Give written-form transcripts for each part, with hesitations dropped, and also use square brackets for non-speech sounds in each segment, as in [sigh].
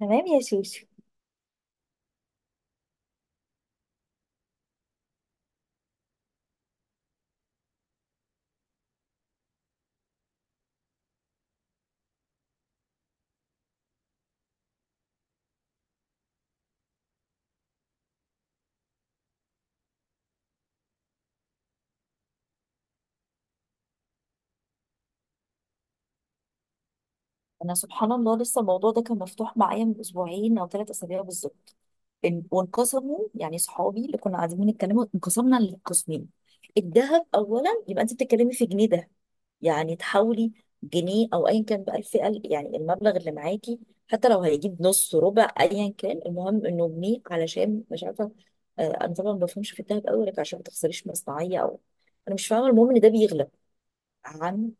تمام يا سوسو. انا سبحان الله لسه الموضوع ده كان مفتوح معايا من اسبوعين او ثلاث اسابيع بالظبط. وانقسموا يعني، صحابي اللي كنا قاعدين بنتكلموا انقسمنا لقسمين. الذهب اولا، يبقى انت بتتكلمي في جنيه ده، يعني تحاولي جنيه او ايا كان بقى الفئه يعني المبلغ اللي معاكي، حتى لو هيجيب نص ربع ايا كان، المهم انه جنيه علشان مش عارفه. انا طبعا ما بفهمش في الذهب قوي لك عشان ما تخسريش مصنعيه او، انا مش فاهمه، المهم ان ده بيغلى. عن،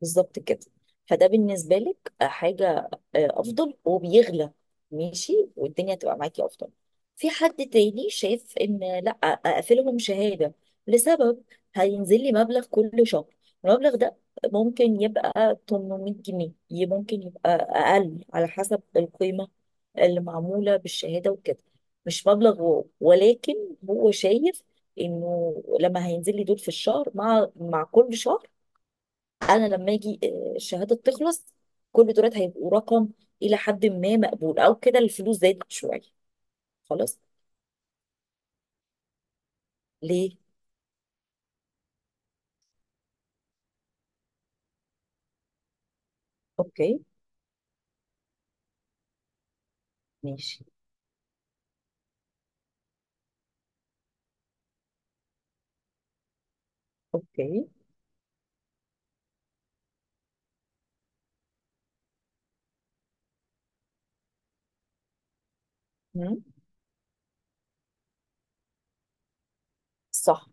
بالظبط كده. فده بالنسبة لك حاجة، آه، أفضل وبيغلى، ماشي والدنيا تبقى معاكي أفضل. في حد تاني شايف إن لأ، أقفلهم شهادة لسبب، هينزل لي مبلغ كل شهر. المبلغ ده ممكن يبقى 800 جنيه، ممكن يبقى أقل على حسب القيمة اللي معمولة بالشهادة وكده. مش مبلغ واو، ولكن هو شايف إنه لما هينزل لي دول في الشهر، مع كل شهر، انا لما اجي، الشهاده تخلص، كل دولت هيبقوا رقم الى حد ما مقبول، او كده الفلوس زادت شويه. خلاص. ليه؟ اوكي. ماشي. اوكي. مم. صح.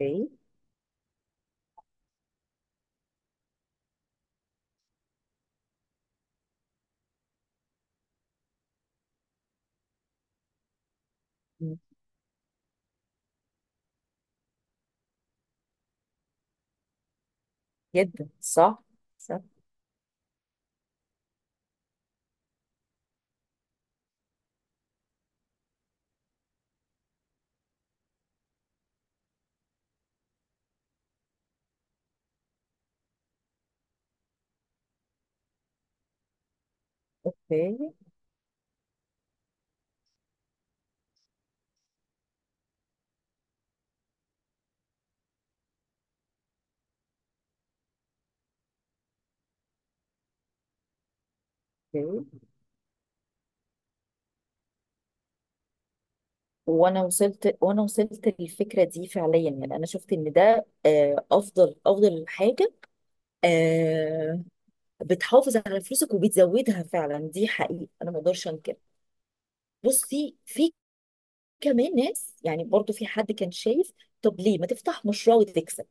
اوكي. مم. جدا صح. صح. اوكي. اوكي. وانا وصلت، وانا وصلت للفكره دي فعليا، يعني انا شفت ان ده افضل افضل حاجه. آه، بتحافظ على فلوسك وبتزودها فعلا، دي حقيقه انا ما اقدرش انكر. بصي، في كمان ناس، يعني برضو في حد كان شايف طب ليه ما تفتح مشروع وتكسب؟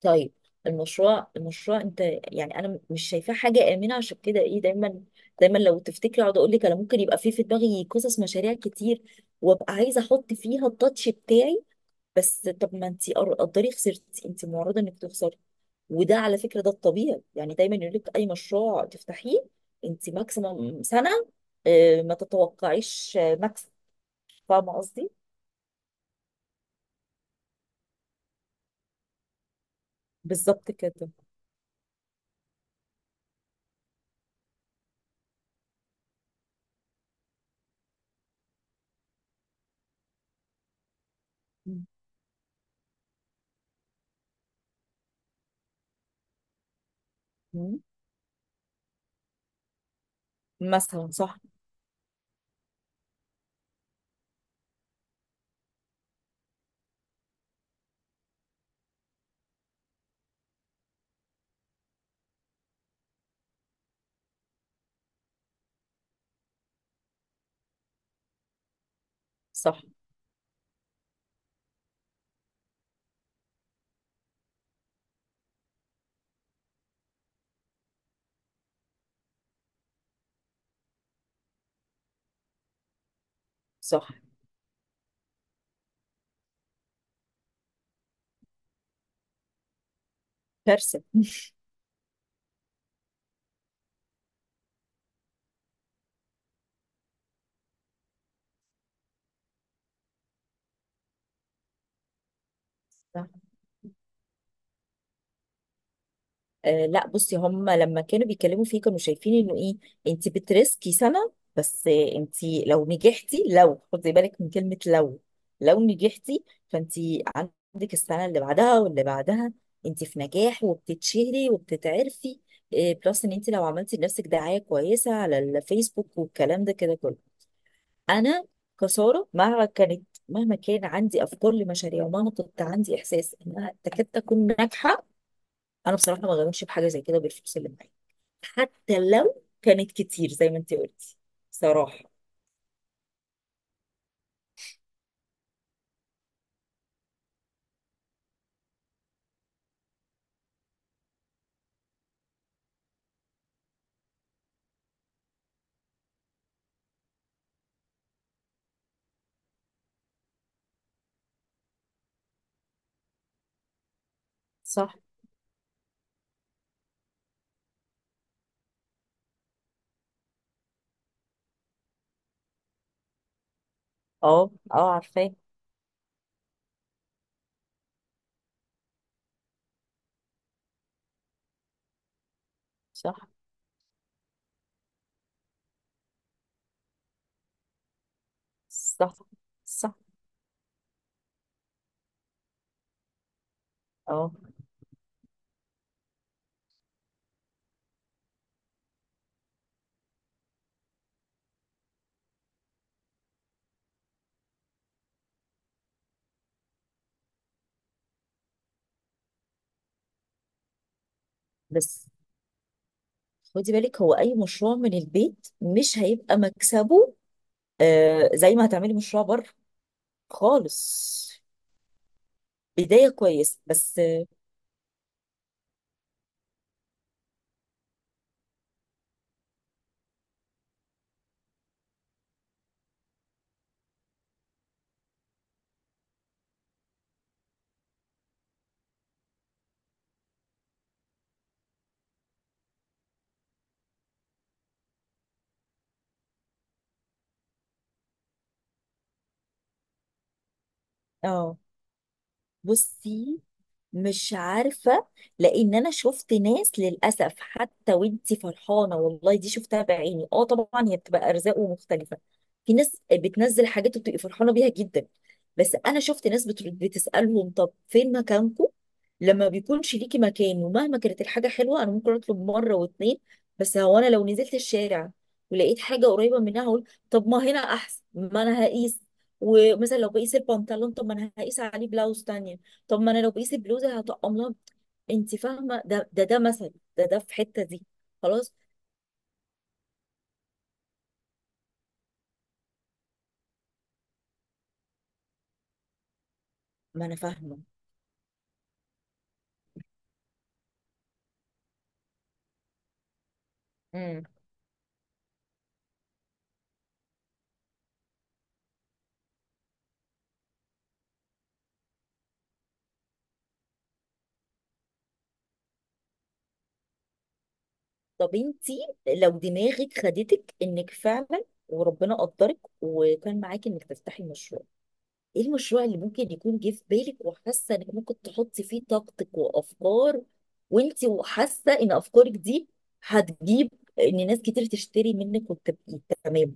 طيب، المشروع، المشروع انت يعني انا مش شايفاه حاجه امنه، عشان كده ايه، دايما دايما لو تفتكري، اقعد اقول لك انا ممكن يبقى في دماغي قصص مشاريع كتير، وابقى عايزه احط فيها التاتش بتاعي. بس طب ما انت قدري خسرتي، انت معرضه انك تخسري، وده على فكره ده الطبيعي، يعني دايما يقول لك اي مشروع تفتحيه انت ماكسيمم سنه اه، ما تتوقعيش مكسب. فاهمه قصدي. بالظبط كده. مم. مثلا صح. صح. صح. كارثة. [laughs] صح. آه لا، بصي، هم لما كانوا بيتكلموا فيه كانوا شايفين انه ايه، انت بترسكي سنة بس، انت لو نجحتي، لو خدي بالك من كلمة لو، لو نجحتي، فانت عندك السنة اللي بعدها واللي بعدها، انت في نجاح وبتتشهري وبتتعرفي. آه بلس ان انت لو عملتي لنفسك دعاية كويسة على الفيسبوك والكلام ده كده كله. انا كساره، مهما كانت، مهما كان عندي افكار لمشاريع، ومهما كنت عندي احساس انها تكاد تكون ناجحه، انا بصراحه ما غامرش بحاجه زي كده بالفلوس اللي معايا، حتى لو كانت كتير زي ما انت قلتي. صراحه. صح. اه اه عارفاه. صح. صح. صح. اه. بس خدي بالك، هو اي مشروع من البيت مش هيبقى مكسبه زي ما هتعملي مشروع بره خالص. بدايه كويسه بس. اه. بصي، مش عارفة، لأن أنا شفت ناس للأسف، حتى وانتي فرحانة، والله دي شفتها بعيني. اه طبعا هي بتبقى أرزاق ومختلفة، في ناس بتنزل حاجات وبتبقي فرحانة بيها جدا، بس أنا شفت ناس بترد بتسألهم طب فين مكانكم؟ لما بيكونش ليكي مكان، ومهما كانت الحاجة حلوة، أنا ممكن أطلب مرة واتنين، بس هو أنا لو نزلت الشارع ولقيت حاجة قريبة منها هقول طب ما هنا أحسن، ما أنا هقيس، ومثلا لو بقيس البنطلون طب ما أنا هقيس عليه بلاوز تانية، طب ما انا لو بقيس البلوزه هطقم لها. انت فاهمه، ده مثل، ده في حته دي. خلاص. ما انا فاهمه. امم. طب انت لو دماغك خدتك انك فعلا وربنا قدرك وكان معاكي انك تفتحي مشروع، ايه المشروع اللي ممكن يكون جه في بالك وحاسه انك ممكن تحطي فيه طاقتك وافكار، وانت وحاسه ان افكارك دي هتجيب ان ناس كتير تشتري منك وتبقي تمام.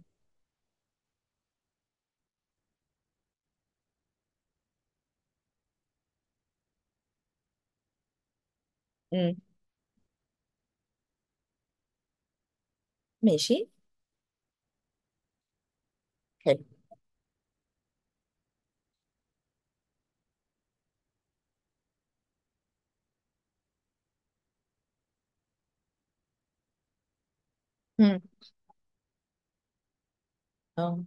امم. ماشي. حلو. امم. اه.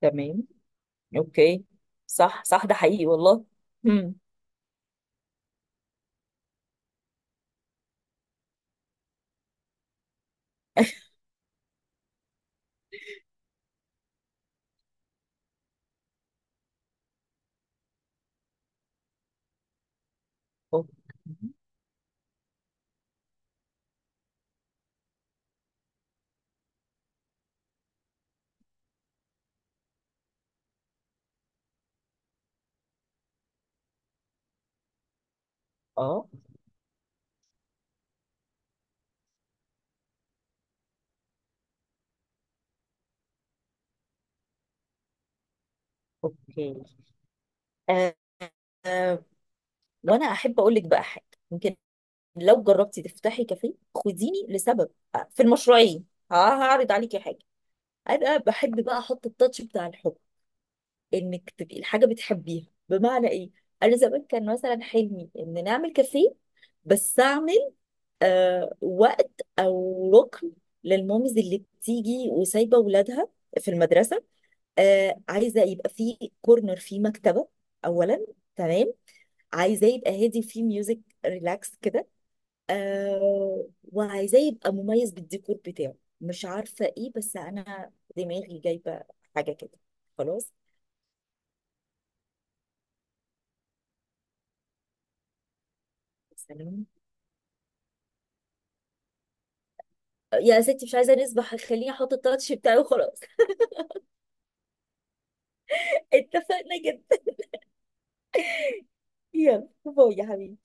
تمام. اوكي. صح صح، ده حقيقي والله. امم. [laughs] أوك-، اه. اوكي. آه. آه، وانا احب اقول لك بقى حاجه، يمكن لو جربتي تفتحي كافيه خديني لسبب، في المشروعين هعرض عليكي حاجه، انا بحب بقى احط التاتش بتاع الحب، انك تبقي الحاجه بتحبيها، بمعنى ايه؟ انا زمان كان مثلا حلمي ان نعمل كافيه، بس اعمل وقت او ركن للمامز اللي بتيجي وسايبه ولادها في المدرسه. آه، عايزه يبقى في كورنر في مكتبه اولا، تمام، عايزاه يبقى هادي فيه ميوزك، ريلاكس كده، آه، وعايزاه يبقى مميز بالديكور بتاعه، مش عارفه ايه، بس انا دماغي جايبه حاجه كده. خلاص. سلام. يا ستي مش عايزه نسبح، خليني احط التاتش بتاعي وخلاص. [laughs] اتفقنا جدا. يلا باي يا حبيبي.